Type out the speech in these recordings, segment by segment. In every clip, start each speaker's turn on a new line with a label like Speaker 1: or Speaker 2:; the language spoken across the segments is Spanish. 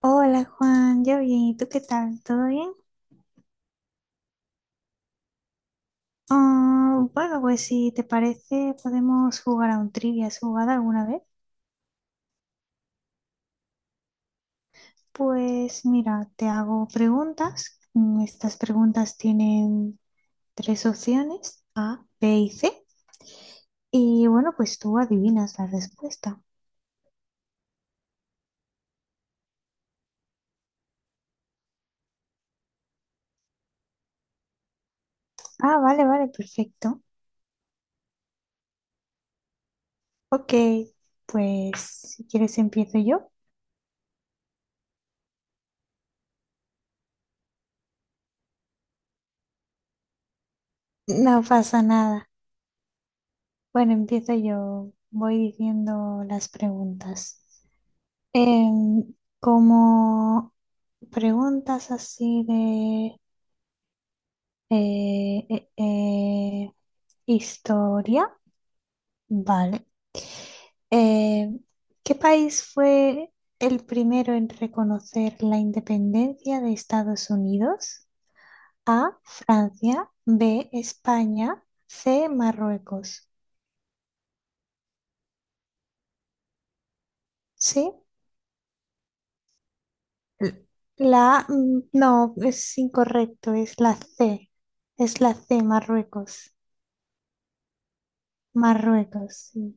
Speaker 1: Hola Juan, yo bien, ¿y tú qué tal? ¿Todo bien? Ah, bueno, pues si te parece podemos jugar a un trivia. ¿Has jugado alguna vez? Pues mira, te hago preguntas. Estas preguntas tienen tres opciones, A, B y C. Y bueno, pues tú adivinas la respuesta. Ah, vale, vale, perfecto. Ok, pues si quieres empiezo yo. No pasa nada. Bueno, empiezo yo. Voy diciendo las preguntas. Em, como preguntas así de eh, eh, eh, historia, vale. Em, ¿Qué país fue el primero en reconocer la independencia de Estados Unidos? A, Francia, B, España, C, Marruecos. ¿Sí? L- La, no, es incorrecto, es la C, Marruecos. Marruecos, sí.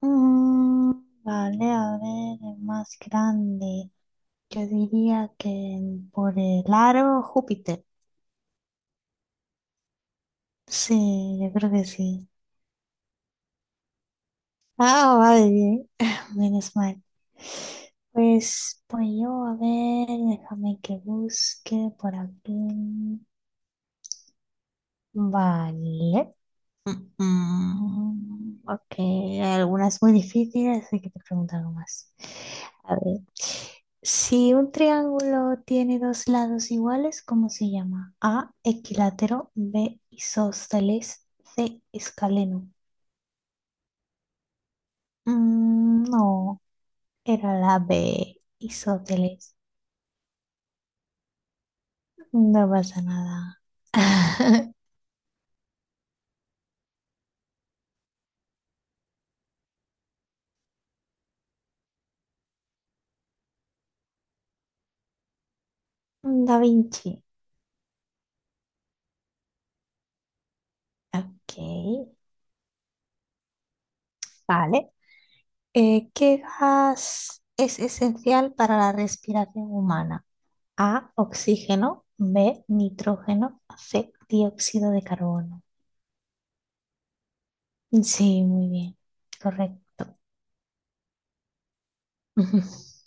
Speaker 1: Mm, vale, a ver, el más grande. Yo diría que por el aro Júpiter. Sí, yo creo que sí. Ah, vale, bien. Menos mal. Pues yo, a ver, déjame que busque por aquí. Vale. Ok, hay algunas muy difíciles, así que te pregunto algo más. A ver, si un triángulo tiene dos lados iguales, ¿cómo se llama? A, equilátero, B, isósceles, C, escaleno. No, era la B, isósceles. No pasa nada. Da Vinci. Ok, vale. ¿Qué gas es esencial para la respiración humana? A, oxígeno, B, nitrógeno, C, dióxido de carbono. Sí, muy bien, correcto.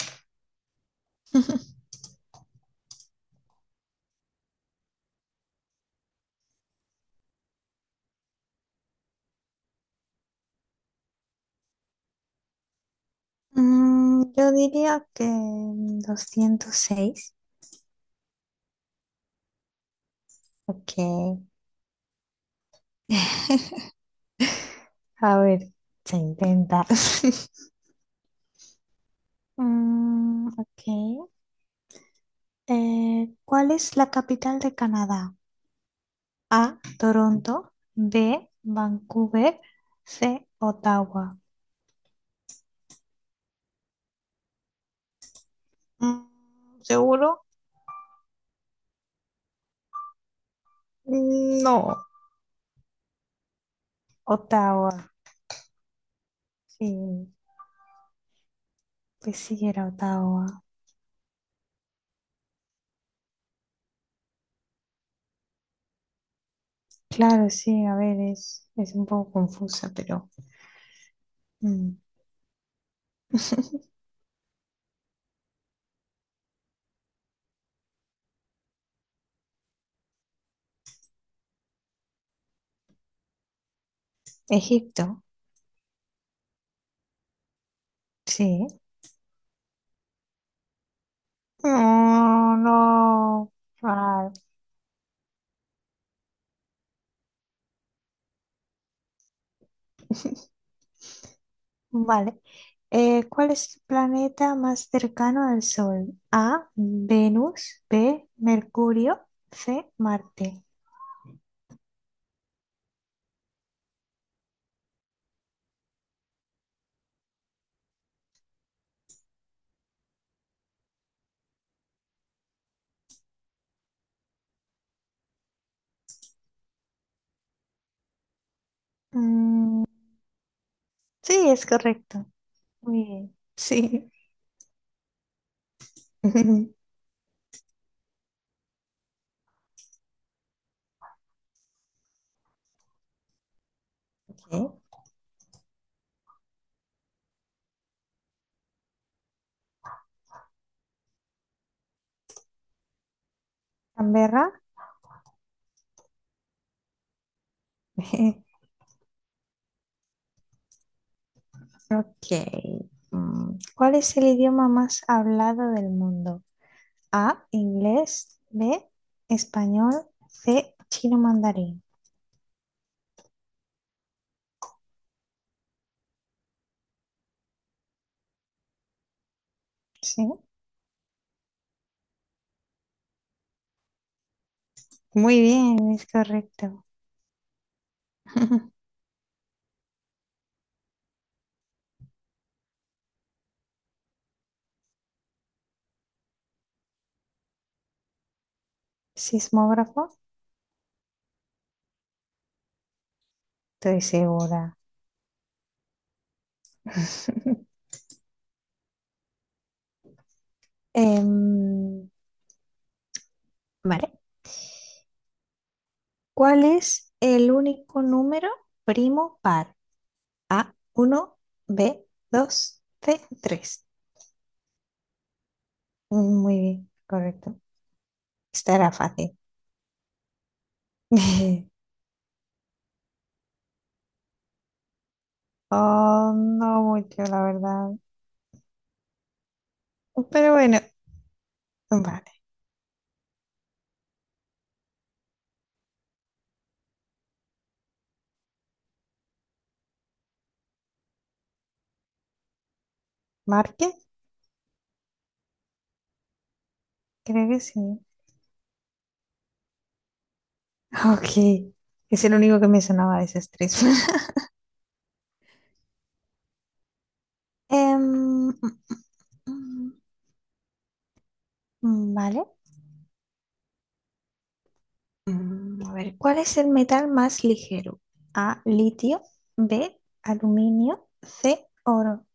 Speaker 1: Yo diría que 206. Ok, a ver, se intenta. Ok. ¿Cuál es la capital de Canadá? A, Toronto, B, Vancouver, C, Ottawa. ¿Seguro? No. Ottawa, sí, pues sí era Ottawa. Claro, sí, a ver, es un poco confusa, pero. Mm. Egipto, sí. No, no. Ay. Vale. ¿Cuál es el planeta más cercano al Sol? A, Venus, B, Mercurio, C, Marte. Mm, sí, es correcto. Muy bien. Sí. Ok. Canberra. Ok. ¿Cuál es el idioma más hablado del mundo? A, inglés, B, español, C, chino mandarín. Sí. Muy bien, es correcto. Sismógrafo. Estoy segura. Em, vale. ¿Cuál es el único número primo par? A, uno, B, 2, C, 3. Muy bien, correcto. Esta era fácil. Oh, no mucho, la verdad. Pero bueno, vale. Márquez, creo que sí. Ok, es el único que me sonaba de esas tres. Em, mm, mm, vale. A ver, ¿cuál es el metal más ligero? A, litio, B, aluminio, C, oro.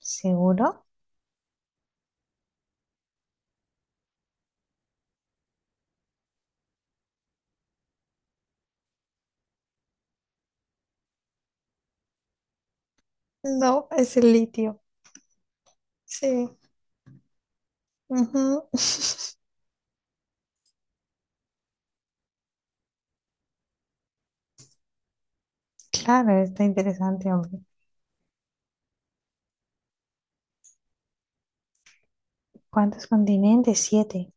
Speaker 1: ¿Seguro? No, es el litio. Sí. Ujú. Claro, está interesante, hombre. ¿Cuántos continentes? Siete.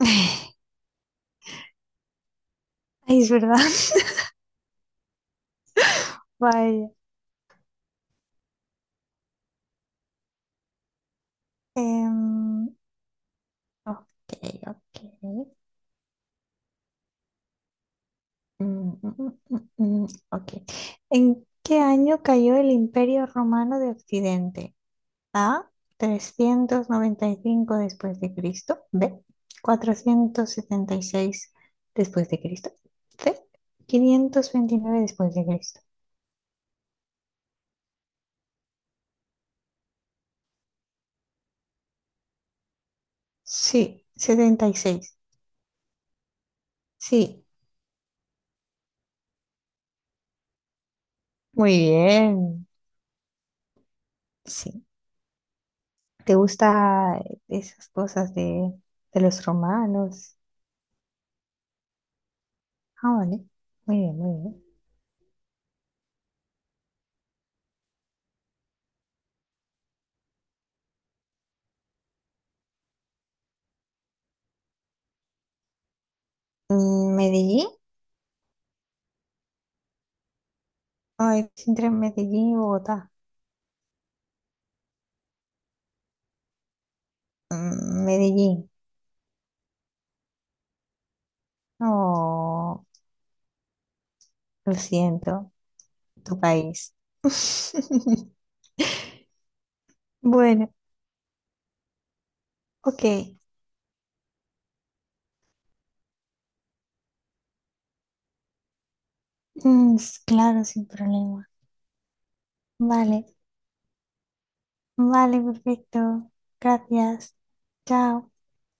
Speaker 1: Ay, es verdad. Vaya. Em, ok, ok. Ok. ¿En qué año cayó el Imperio Romano de Occidente? A, 395 después de Cristo. B, 476 después de Cristo. C, 529 después de Cristo. Sí, 76. Sí, muy bien. Sí. ¿Te gusta esas cosas de, los romanos? Ah, vale. Muy bien, muy bien. ¿Medellín? Ay, es entre Medellín y Bogotá. Medellín. Oh, lo siento. Tu país. Bueno, ok. Claro, sin problema. Vale, vale, perfecto. Gracias. Chao.